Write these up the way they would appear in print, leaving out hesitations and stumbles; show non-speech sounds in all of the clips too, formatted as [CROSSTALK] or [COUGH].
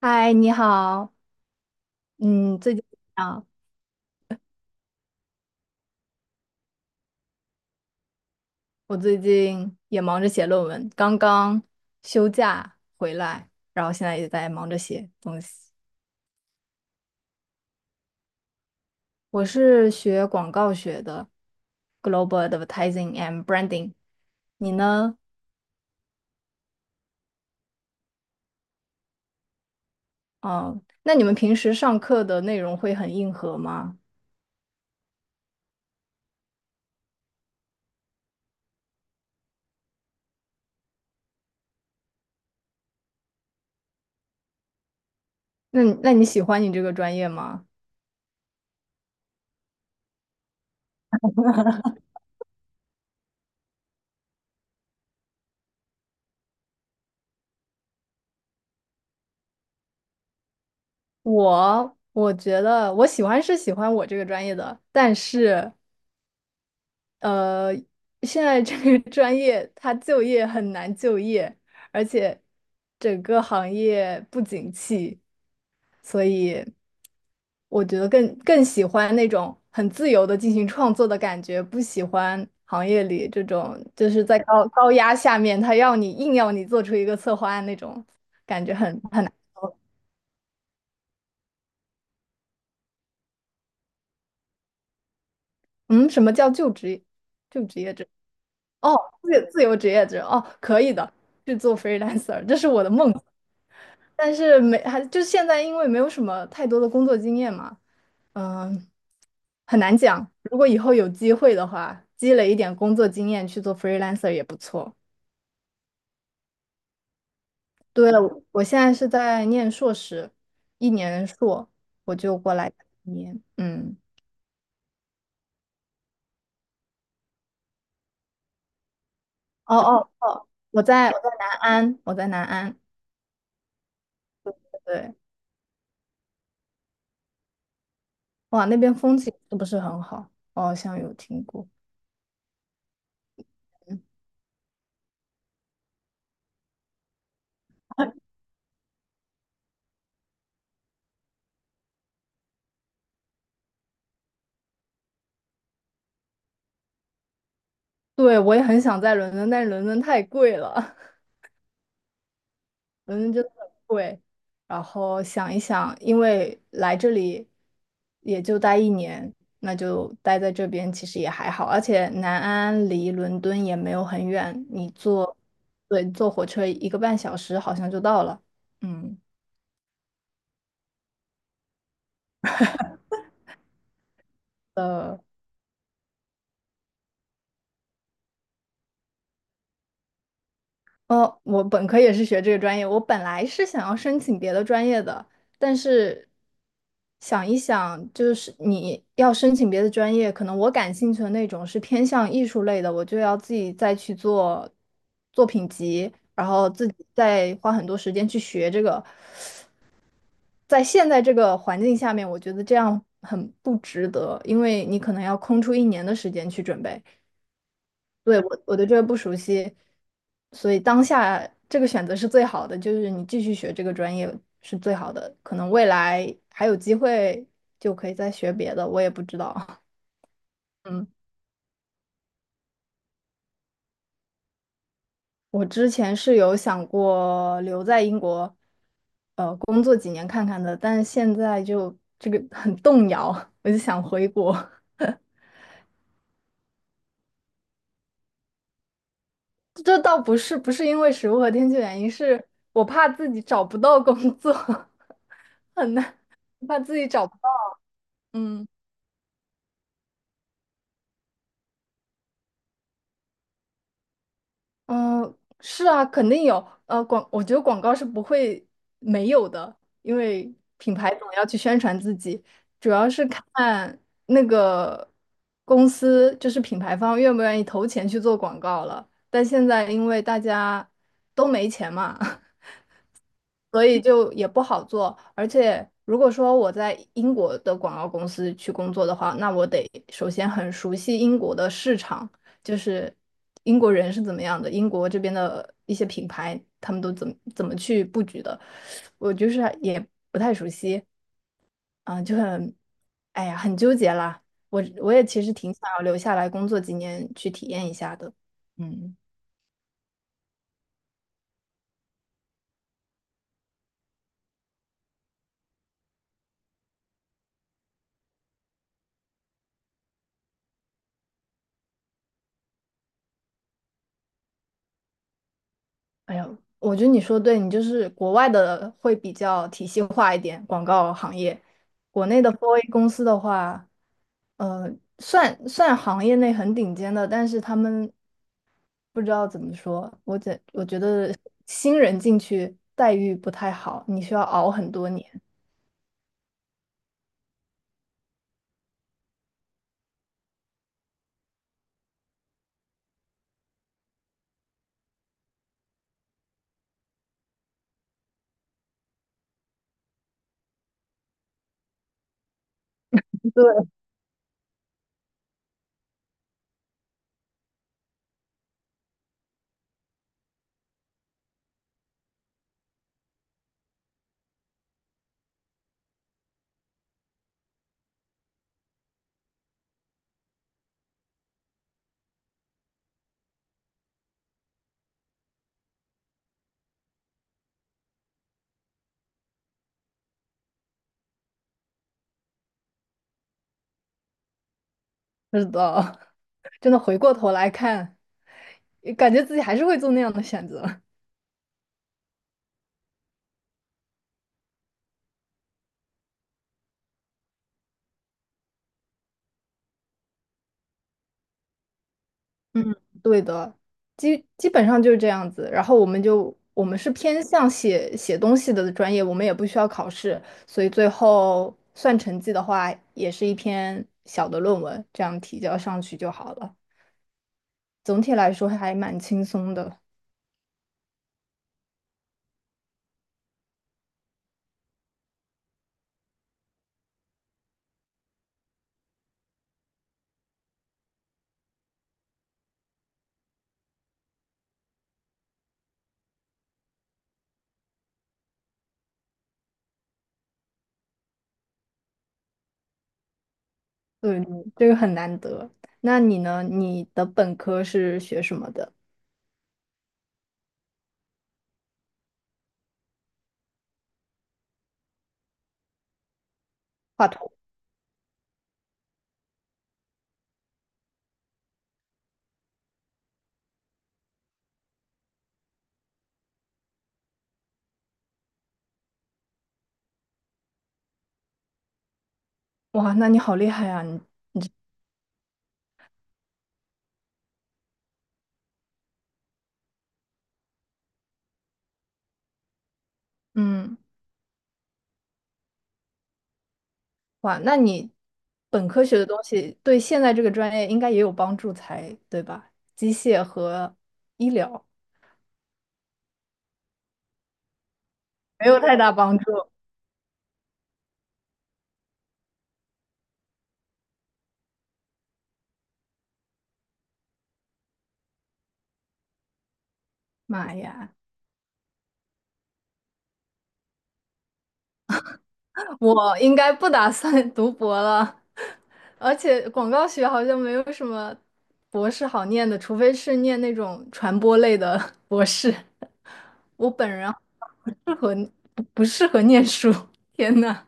嗨，你好。嗯，最近啊，我最近也忙着写论文，刚刚休假回来，然后现在也在忙着写东西。我是学广告学的，Global Advertising and Branding。你呢？哦，那你们平时上课的内容会很硬核吗？那你喜欢你这个专业吗？我觉得我喜欢是喜欢我这个专业的，但是。呃，现在这个 [LAUGHS] 专业它就业很难就业，而且整个行业不景气，所以我觉得更喜欢那种很自由的进行创作的感觉，不喜欢行业里这种就是在高高压下面，他要你硬要你做出一个策划案那种感觉很难受。嗯，什么叫就职就职业制？哦，自由职业者哦，可以的，去做 freelancer，这是我的梦。但是没还就现在，因为没有什么太多的工作经验嘛。嗯，很难讲。如果以后有机会的话，积累一点工作经验去做 freelancer 也不错。对了，我现在是在念硕士，一年硕，我就过来念。嗯。哦,我在南安，我在南安。对。哇，那边风景是不是很好？我好像有听过。嗯。[LAUGHS] 对，我也很想在伦敦，但是伦敦太贵了。伦敦真的很贵。然后想一想，因为来这里也就待一年，那就待在这边其实也还好。而且南安离伦敦也没有很远，你坐，对，坐火车一个半小时好像就到了。嗯。哦，我本科也是学这个专业，我本来是想要申请别的专业的，但是想一想，就是你要申请别的专业，可能我感兴趣的那种是偏向艺术类的，我就要自己再去做作品集，然后自己再花很多时间去学这个。在现在这个环境下面，我觉得这样很不值得，因为你可能要空出一年的时间去准备。对，我对这个不熟悉，所以当下这个选择是最好的，就是你继续学这个专业是最好的，可能未来还有机会就可以再学别的，我也不知道。[LAUGHS] 嗯，我之前是有想过留在英国，工作几年看看的，但是现在就这个很动摇，我就想回国。[LAUGHS] 这倒不是因为食物和天气原因，是我怕自己找不到工作，[LAUGHS] 很难，怕自己找不到。嗯。嗯，是啊，肯定有。我觉得广告是不会没有的，因为品牌总要去宣传自己，主要是看那个公司，就是品牌方愿不愿意投钱去做广告了。但现在因为大家都没钱嘛，[LAUGHS] 所以就也不好做。而且如果说我在英国的广告公司去工作的话，那我得首先很熟悉英国的市场，就是英国人是怎么样的，英国这边的一些品牌他们都怎么去布局的，我就是也不太熟悉，啊、就很，哎呀，很纠结啦。我也其实挺想要留下来工作几年去体验一下的。嗯。哎呀，我觉得你说对，你就是国外的会比较体系化一点，广告行业，国内的 4A 公司的话，呃，算行业内很顶尖的，但是他们不知道怎么说，我觉得新人进去待遇不太好，你需要熬很多年。[LAUGHS] 对，是的，[LAUGHS] 真的回过头来看，感觉自己还是会做那样的选择。嗯，对的，基本上就是这样子。然后我们是偏向写写东西的专业，我们也不需要考试，所以最后算成绩的话，也是一篇小的论文，这样提交上去就好了。总体来说还蛮轻松的。对，这个很难得。那你呢？你的本科是学什么的？画图。哇，那你好厉害啊！你嗯。哇，那你本科学的东西对现在这个专业应该也有帮助才对吧？机械和医疗没有太大帮助。妈呀，我应该不打算 [LAUGHS] 读博了，[LAUGHS] 而且广告学好像没有什么博士好念的，除非是念那种传播类的 [LAUGHS] 博士。我本人不适合不适合念书，天呐，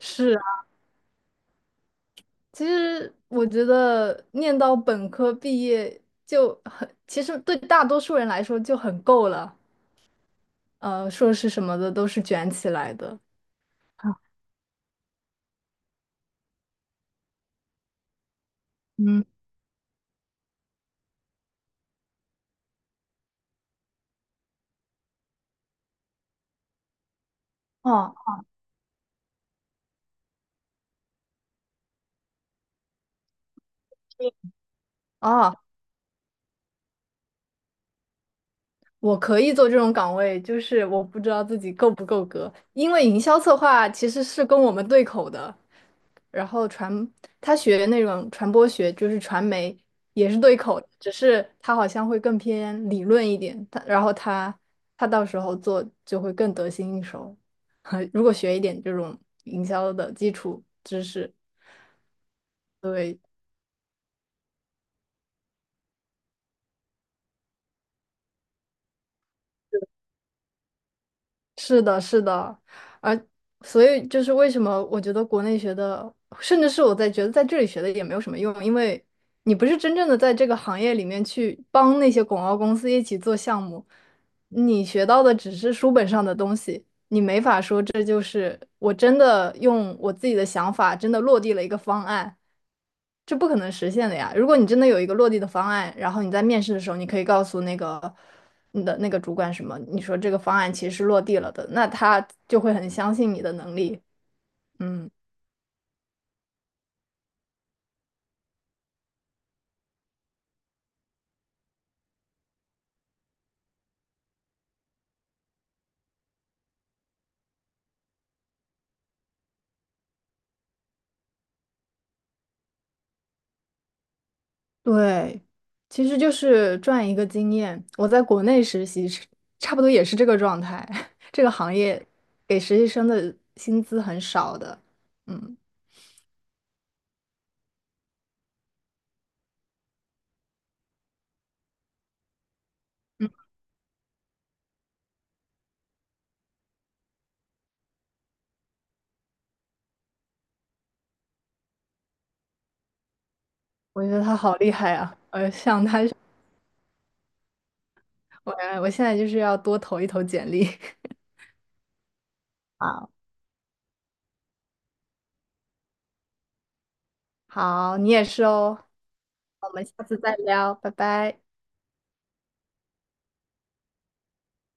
是。其实我觉得念到本科毕业就很，其实对大多数人来说就很够了。呃，硕士什么的都是卷起来的。嗯。哦。哦，我可以做这种岗位，就是我不知道自己够不够格，因为营销策划其实是跟我们对口的，然后传，他学那种传播学，就是传媒，也是对口的只是他好像会更偏理论一点，他然后他他到时候做就会更得心应手，[LAUGHS] 如果学一点这种营销的基础知识。是的，是的，而所以就是为什么我觉得国内学的，甚至是我在觉得在这里学的也没有什么用，因为你不是真正的在这个行业里面去帮那些广告公司一起做项目，你学到的只是书本上的东西。你。这就是我真的用我自己的想法，真的落地了一个方案，这不可能实现的呀。如果你真的有一个落地的方案，然后你在面试的时候，你可以告诉那个你的那个主管什么，你说这个方案其实是落地了的，那他就会很相信你的能力。嗯，对，其实就是赚一个经验。我在国内实习是差不多也是这个状态，[LAUGHS] 这个行业给实习生的薪资很少的。嗯。我觉得他好厉害啊！我我现在就是要多投一投简历。[LAUGHS] 好。好，你也是哦。我们下次再聊，拜拜。